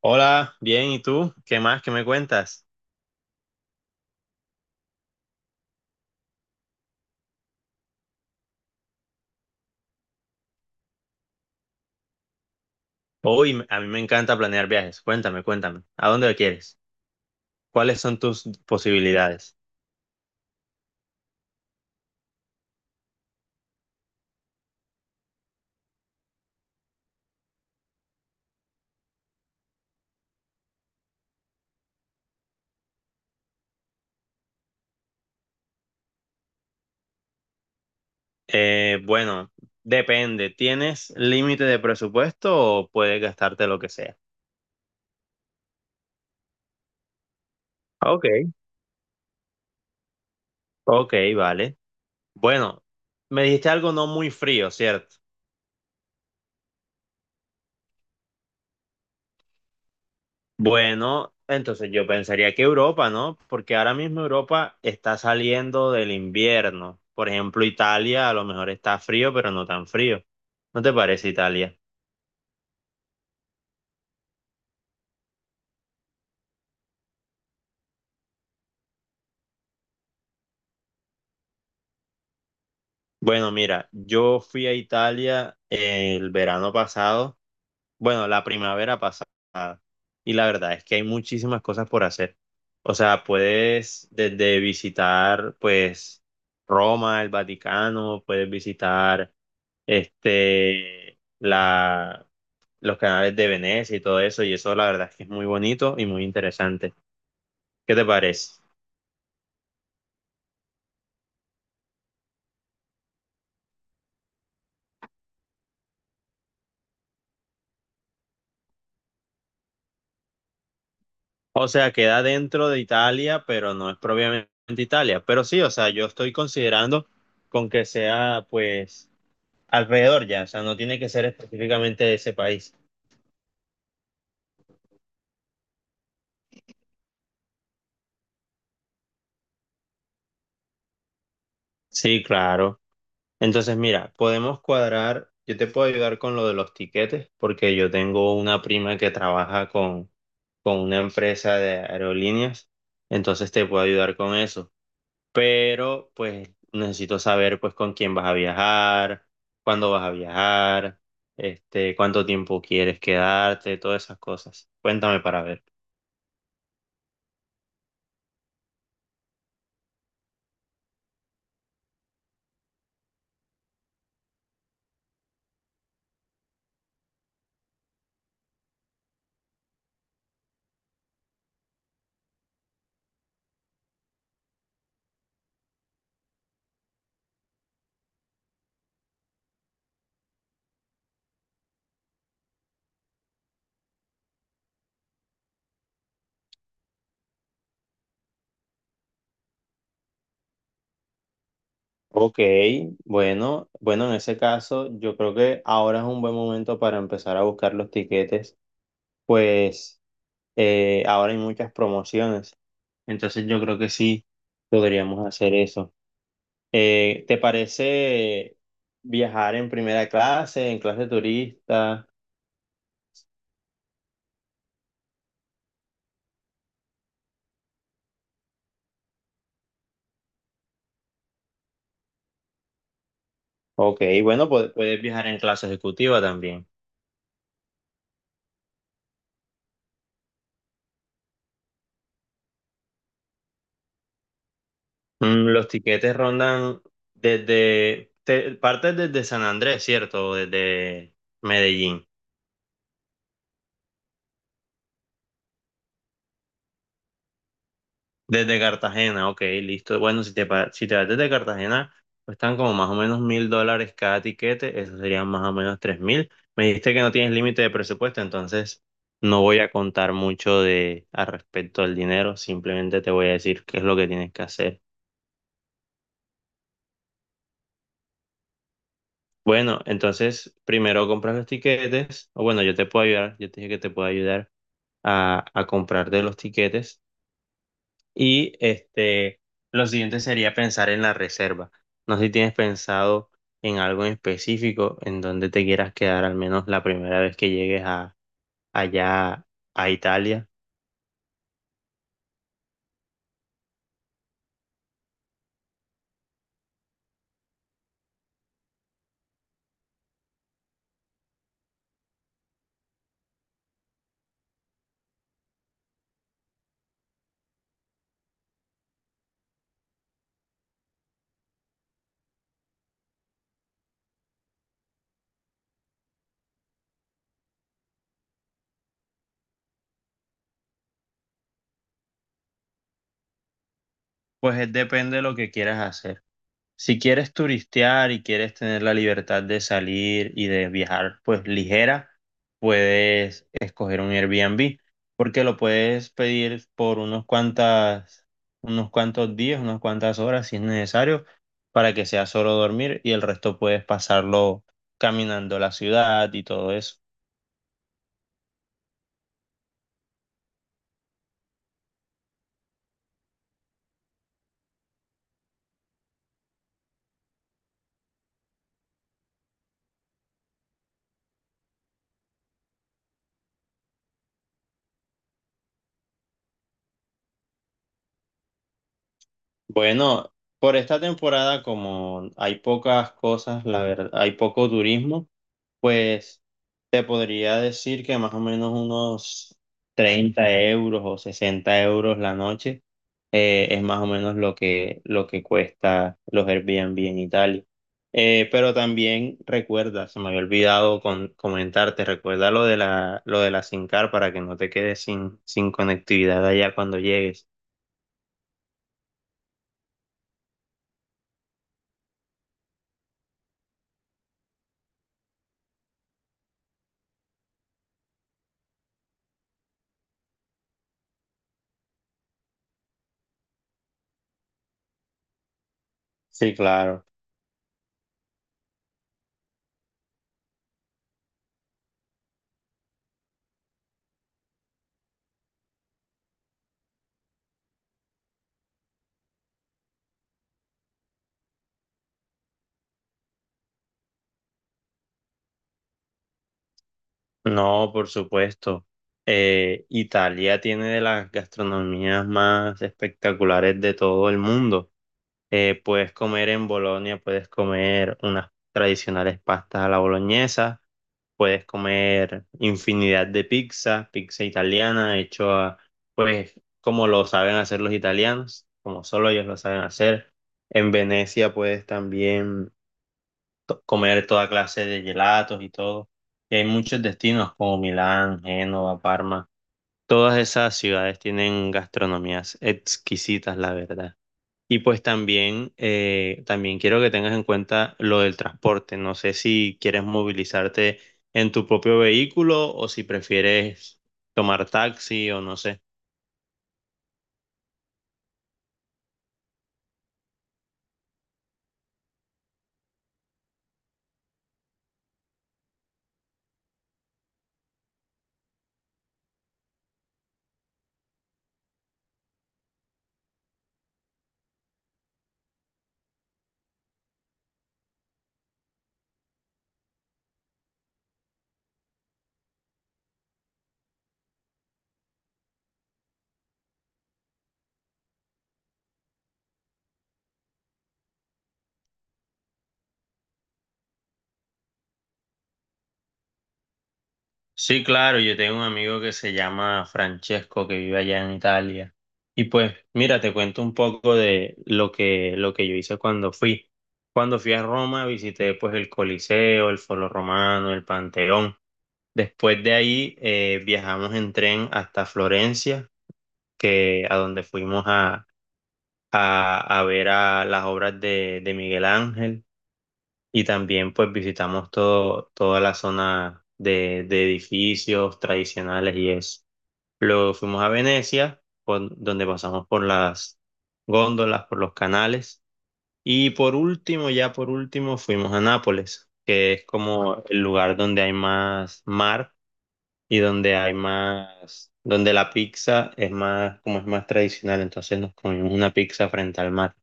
Hola, bien, ¿y tú? ¿Qué más? ¿Qué me cuentas? Hoy a mí me encanta planear viajes. Cuéntame. ¿A dónde quieres? ¿Cuáles son tus posibilidades? Bueno, depende. ¿Tienes límite de presupuesto o puedes gastarte lo que sea? Ok. Ok, vale. Bueno, me dijiste algo no muy frío, ¿cierto? Bueno, entonces yo pensaría que Europa, ¿no? Porque ahora mismo Europa está saliendo del invierno. Por ejemplo, Italia a lo mejor está frío, pero no tan frío. ¿No te parece Italia? Bueno, mira, yo fui a Italia el verano pasado Bueno, la primavera pasada. Y la verdad es que hay muchísimas cosas por hacer. O sea, puedes desde visitar, pues, Roma, el Vaticano, puedes visitar, este, la, los canales de Venecia y todo eso. Y eso, la verdad es que es muy bonito y muy interesante. ¿Qué te parece? O sea, queda dentro de Italia, pero no es propiamente Italia. Pero sí, o sea, yo estoy considerando con que sea, pues alrededor ya, o sea, no tiene que ser específicamente de ese país. Sí, claro. Entonces, mira, podemos cuadrar, yo te puedo ayudar con lo de los tiquetes, porque yo tengo una prima que trabaja con una empresa de aerolíneas, entonces te puedo ayudar con eso. Pero, pues, necesito saber, pues, con quién vas a viajar, cuándo vas a viajar, cuánto tiempo quieres quedarte, todas esas cosas. Cuéntame para ver. Ok, bueno, en ese caso yo creo que ahora es un buen momento para empezar a buscar los tiquetes, pues ahora hay muchas promociones, entonces yo creo que sí podríamos hacer eso. ¿Te parece viajar en primera clase, en clase turista? Ok, bueno, puedes viajar en clase ejecutiva también. Los tiquetes rondan partes desde San Andrés, ¿cierto? O desde Medellín. Desde Cartagena, ok, listo. Bueno, si te vas desde Cartagena, están como más o menos $1000 cada tiquete, eso serían más o menos 3000. Me dijiste que no tienes límite de presupuesto, entonces no voy a contar mucho de al respecto al dinero, simplemente te voy a decir qué es lo que tienes que hacer. Bueno, entonces primero compras los tiquetes, o bueno, yo te puedo ayudar, yo te dije que te puedo ayudar a comprarte los tiquetes. Y lo siguiente sería pensar en la reserva. No sé si tienes pensado en algo en específico en donde te quieras quedar al menos la primera vez que allá a Italia. Pues depende de lo que quieras hacer. Si quieres turistear y quieres tener la libertad de salir y de viajar, pues ligera, puedes escoger un Airbnb, porque lo puedes pedir por unos cuantos días, unas cuantas horas si es necesario, para que sea solo dormir y el resto puedes pasarlo caminando la ciudad y todo eso. Bueno, por esta temporada, como hay pocas cosas, la verdad, hay poco turismo, pues te podría decir que más o menos unos 30 euros o 60 euros la noche es más o menos lo que cuesta los Airbnb en Italia. Pero también recuerda, se me había olvidado comentarte, recuerda lo de la SIM card para que no te quedes sin conectividad allá cuando llegues. Sí, claro. No, por supuesto. Italia tiene de las gastronomías más espectaculares de todo el mundo. Puedes comer en Bolonia, puedes comer unas tradicionales pastas a la boloñesa, puedes comer infinidad de pizza, pizza italiana, pues, como lo saben hacer los italianos, como solo ellos lo saben hacer. En Venecia puedes también comer toda clase de gelatos y todo. Y hay muchos destinos como Milán, Génova, Parma. Todas esas ciudades tienen gastronomías exquisitas, la verdad. Y pues también, también quiero que tengas en cuenta lo del transporte. No sé si quieres movilizarte en tu propio vehículo o si prefieres tomar taxi o no sé. Sí, claro, yo tengo un amigo que se llama Francesco que vive allá en Italia. Y pues, mira, te cuento un poco de lo que yo hice cuando fui. Cuando fui a Roma, visité pues el Coliseo, el Foro Romano, el Panteón. Después de ahí viajamos en tren hasta Florencia, que a donde a ver a las obras de Miguel Ángel. Y también pues toda la zona de edificios tradicionales y eso. Luego fuimos a Venecia, donde pasamos por las góndolas, por los canales. Y por último, ya por último, fuimos a Nápoles, que es como el lugar donde hay más mar y donde hay más, donde la pizza es más, como es más tradicional. Entonces nos comimos una pizza frente al mar.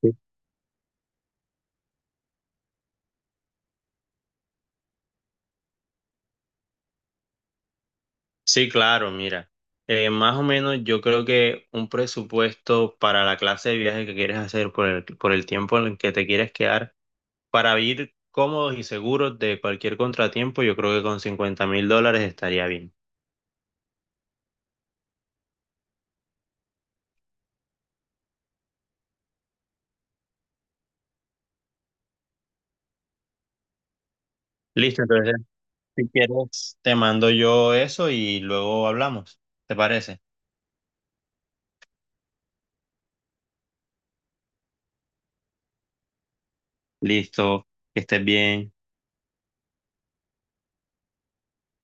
Sí, sí, claro, mira. Más o menos yo creo que un presupuesto para la clase de viaje que quieres hacer por por el tiempo en el que te quieres quedar para vivir cómodos y seguros de cualquier contratiempo, yo creo que con $50,000 estaría bien. Listo, entonces si quieres te mando yo eso y luego hablamos. ¿Te parece? Listo, que estés bien.